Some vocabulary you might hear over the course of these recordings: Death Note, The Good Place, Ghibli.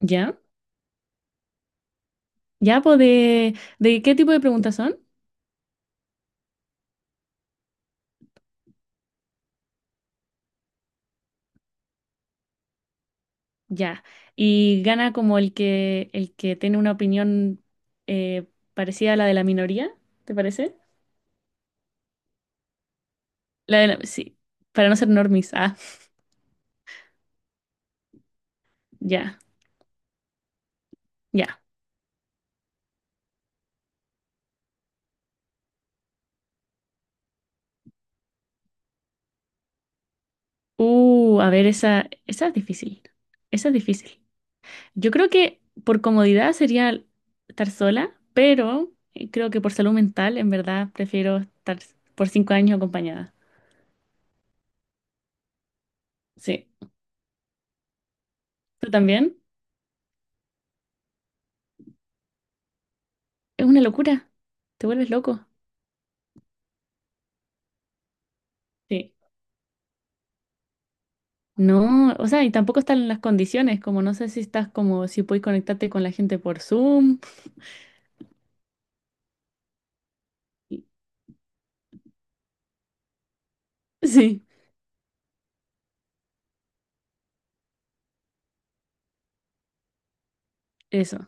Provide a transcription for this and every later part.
¿Ya? ¿Ya? Pues de qué tipo de preguntas son? Ya. Y gana como el que tiene una opinión eh, parecida a la de la minoría, ¿te parece? La de la, sí, para no ser normis. Ah, ya, ya. A ver, esa es difícil. Esa es difícil. Yo creo que por comodidad sería estar sola, pero creo que por salud mental, en verdad, prefiero estar por 5 años acompañada. Sí. ¿Tú también? Es una locura. Te vuelves loco. Sí. No, o sea, y tampoco están las condiciones, como no sé si estás como si puedes conectarte con la gente por Zoom. Y- Sí, eso.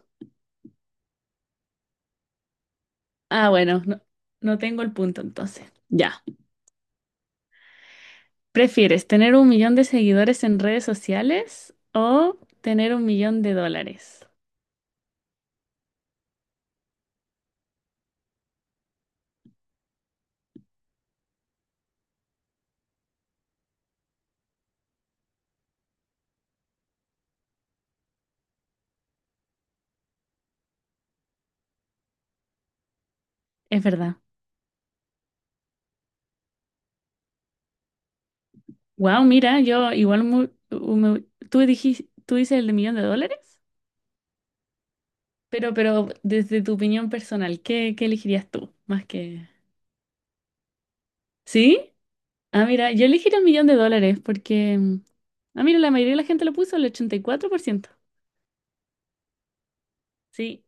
Ah, bueno, no, no tengo el punto entonces. Ya. ¿Prefieres tener un millón de seguidores en redes sociales o tener un millón de dólares? Es verdad. Wow, mira, yo igual mu- u- me- tú dijiste, tú dices el de millón de dólares, pero desde tu opinión personal, ¿qué, qué elegirías tú? Más que... ¿Sí? Ah, mira, yo elegí el millón de dólares porque, ah, mira, la mayoría de la gente lo puso, el 84%. Sí,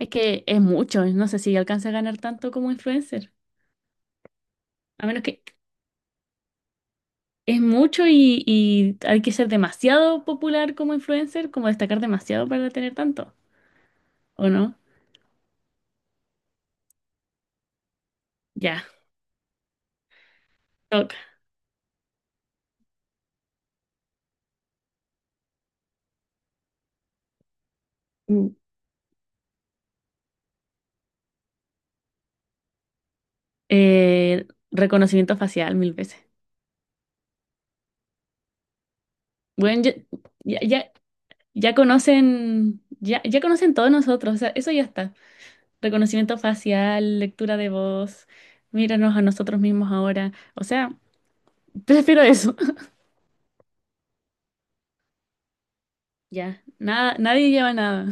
es que es mucho, no sé si alcanza a ganar tanto como influencer, a menos que es mucho y hay que ser demasiado popular como influencer, como destacar demasiado para tener tanto, ¿o no? Ya, toca. Mm. Eh, reconocimiento facial mil veces. Bueno, ya, ya, ya, ya conocen todos nosotros, o sea, eso ya está. Reconocimiento facial, lectura de voz, míranos a nosotros mismos ahora. O sea, prefiero eso. Ya, nada, nadie lleva nada.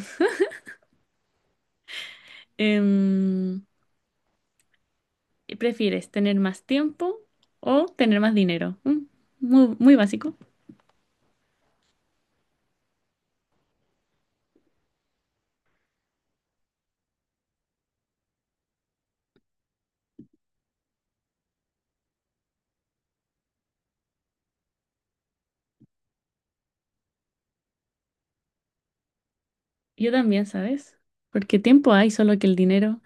Em, ¿Prefieres tener más tiempo o tener más dinero? Mm, muy, muy básico. Yo también, ¿sabes? Porque tiempo hay, solo que el dinero.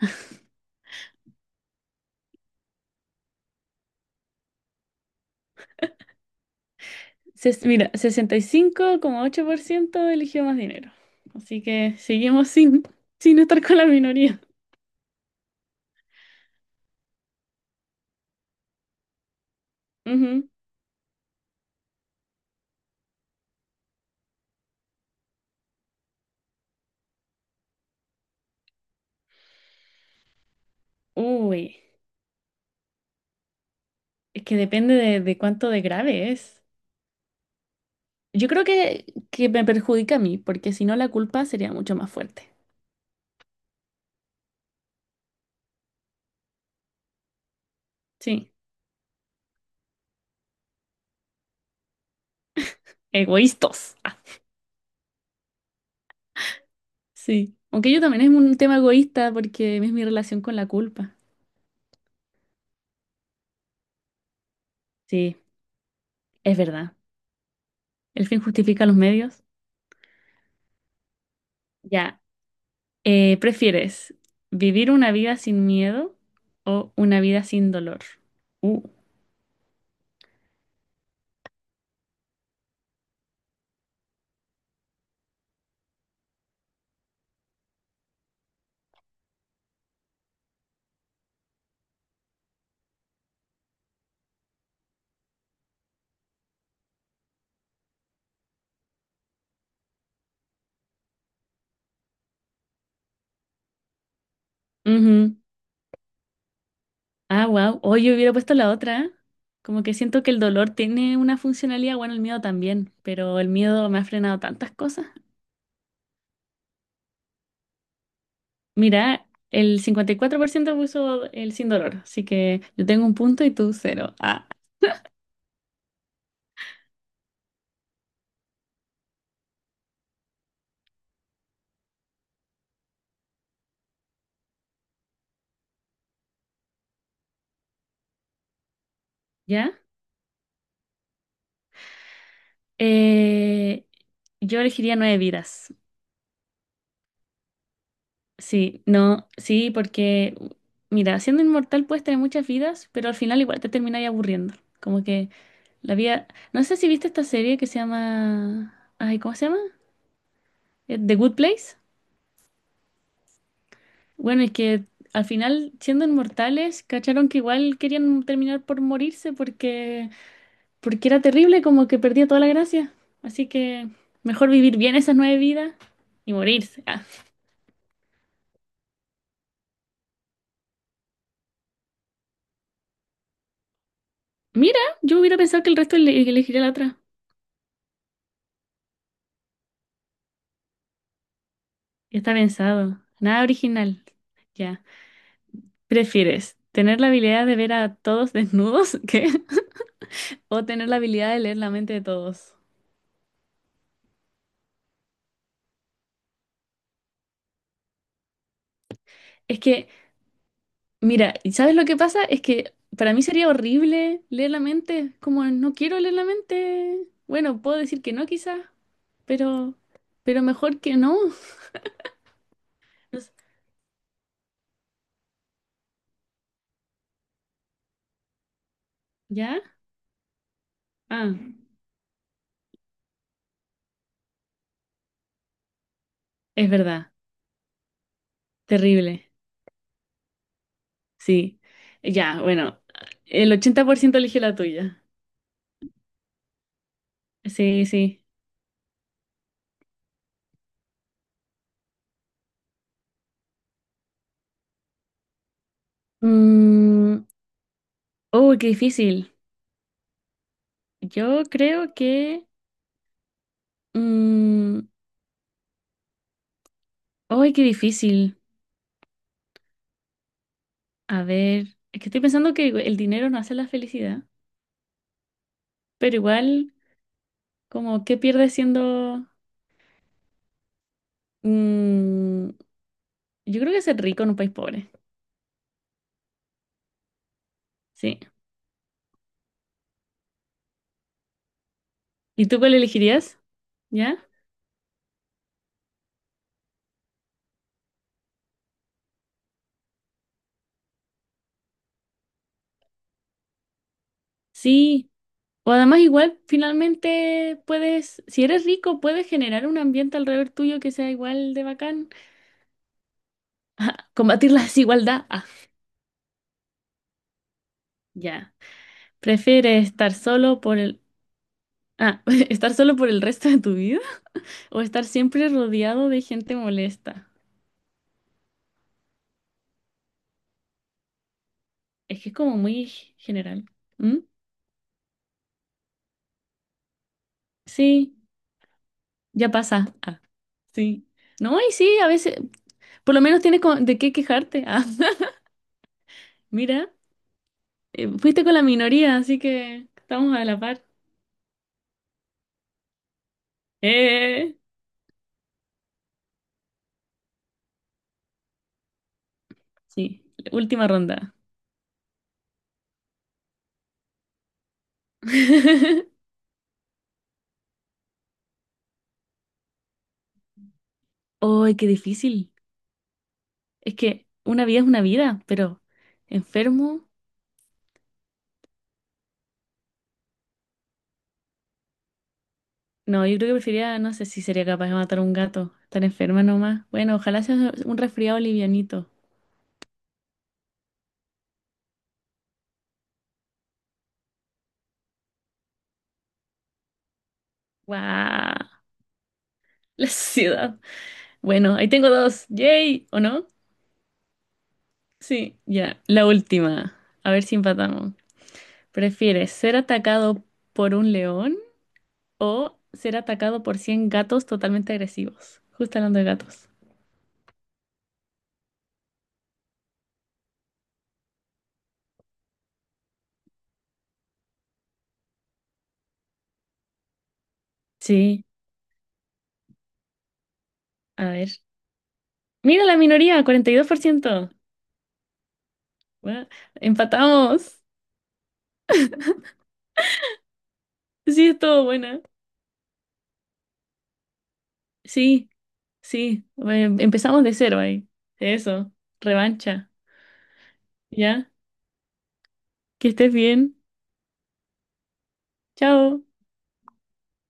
Ses- mira, 65,8% eligió más dinero. Así que seguimos sin, sin estar con la minoría. Ujú. Uy, es que depende de cuánto de grave es. Yo creo que me perjudica a mí, porque si no la culpa sería mucho más fuerte. Sí, egoístos. Ah, sí, aunque yo también es un tema egoísta porque es mi relación con la culpa. Sí, es verdad. El fin justifica los medios. Ya, ¿prefieres vivir una vida sin miedo o una vida sin dolor? Uh. Ujú. Ah, wow. Hoy yo hubiera puesto la otra, ¿eh? Como que siento que el dolor tiene una funcionalidad, bueno, el miedo también, pero el miedo me ha frenado tantas cosas. Mira, el 54% puso el sin dolor, así que yo tengo un punto y tú cero. Ah, ¿ya? Eh, yo elegiría nueve vidas. Sí, no, sí, porque, mira, siendo inmortal puedes tener muchas vidas, pero al final igual te terminas aburriendo. Como que la vida... No sé si viste esta serie que se llama... Ay, ¿cómo se llama? The Good Place. Bueno, es que al final, siendo inmortales, cacharon que igual querían terminar por morirse porque era terrible, como que perdía toda la gracia. Así que mejor vivir bien esas nueve vidas y morirse. Ah. Mira, yo hubiera pensado que el resto ele- elegiría la otra. Ya está pensado, nada original. Ya. ¿Prefieres tener la habilidad de ver a todos desnudos? ¿Qué? ¿O tener la habilidad de leer la mente de todos? Es que, mira, ¿y ¿sabes lo que pasa? Es que para mí sería horrible leer la mente. Como no quiero leer la mente. Bueno, puedo decir que no quizás, pero, pero mejor que no. ¿Ya? Ah, es verdad. Terrible. Sí. Ya, bueno. El 80% eligió la tuya. Sí, sí. Mm, uy, qué difícil. Yo creo que... mm, uy, qué difícil. A ver, es que estoy pensando que el dinero no hace la felicidad, pero igual, como, ¿qué pierdes siendo... mm, yo creo que ser rico en un país pobre. Sí. ¿Y tú cuál elegirías? ¿Ya? Sí. O además igual finalmente puedes, si eres rico, puedes generar un ambiente alrededor tuyo que sea igual de bacán. Combatir la desigualdad. Ah, ya. ¿Prefieres estar solo por el... ah, estar solo por el resto de tu vida o estar siempre rodeado de gente molesta? Es que es como muy general. ¿Mm? Sí, ya pasa. Ah, sí. No, y sí, a veces, por lo menos tienes con- de qué quejarte. Ah, mira, fuiste con la minoría, así que estamos a la par. Eh. Sí, última ronda. ¡Ay, qué difícil! Es que una vida es una vida, pero enfermo. No, yo creo que preferiría, no sé si sería capaz de matar a un gato. Estar enferma nomás. Bueno, ojalá sea un resfriado livianito. ¡Guau! La ciudad. Bueno, ahí tengo dos. ¡Yay! ¿O no? Sí, ya. La última. A ver si empatamos. ¿Prefieres ser atacado por un león o ser atacado por 100 gatos totalmente agresivos? Justo hablando de gatos. Sí. A ver. Mira la minoría, 42%. Bueno, empatamos. Sí, estuvo buena. Sí, sí. Bueno, empezamos de cero ahí. Eso. Revancha. ¿Ya? Que estés bien. Chao.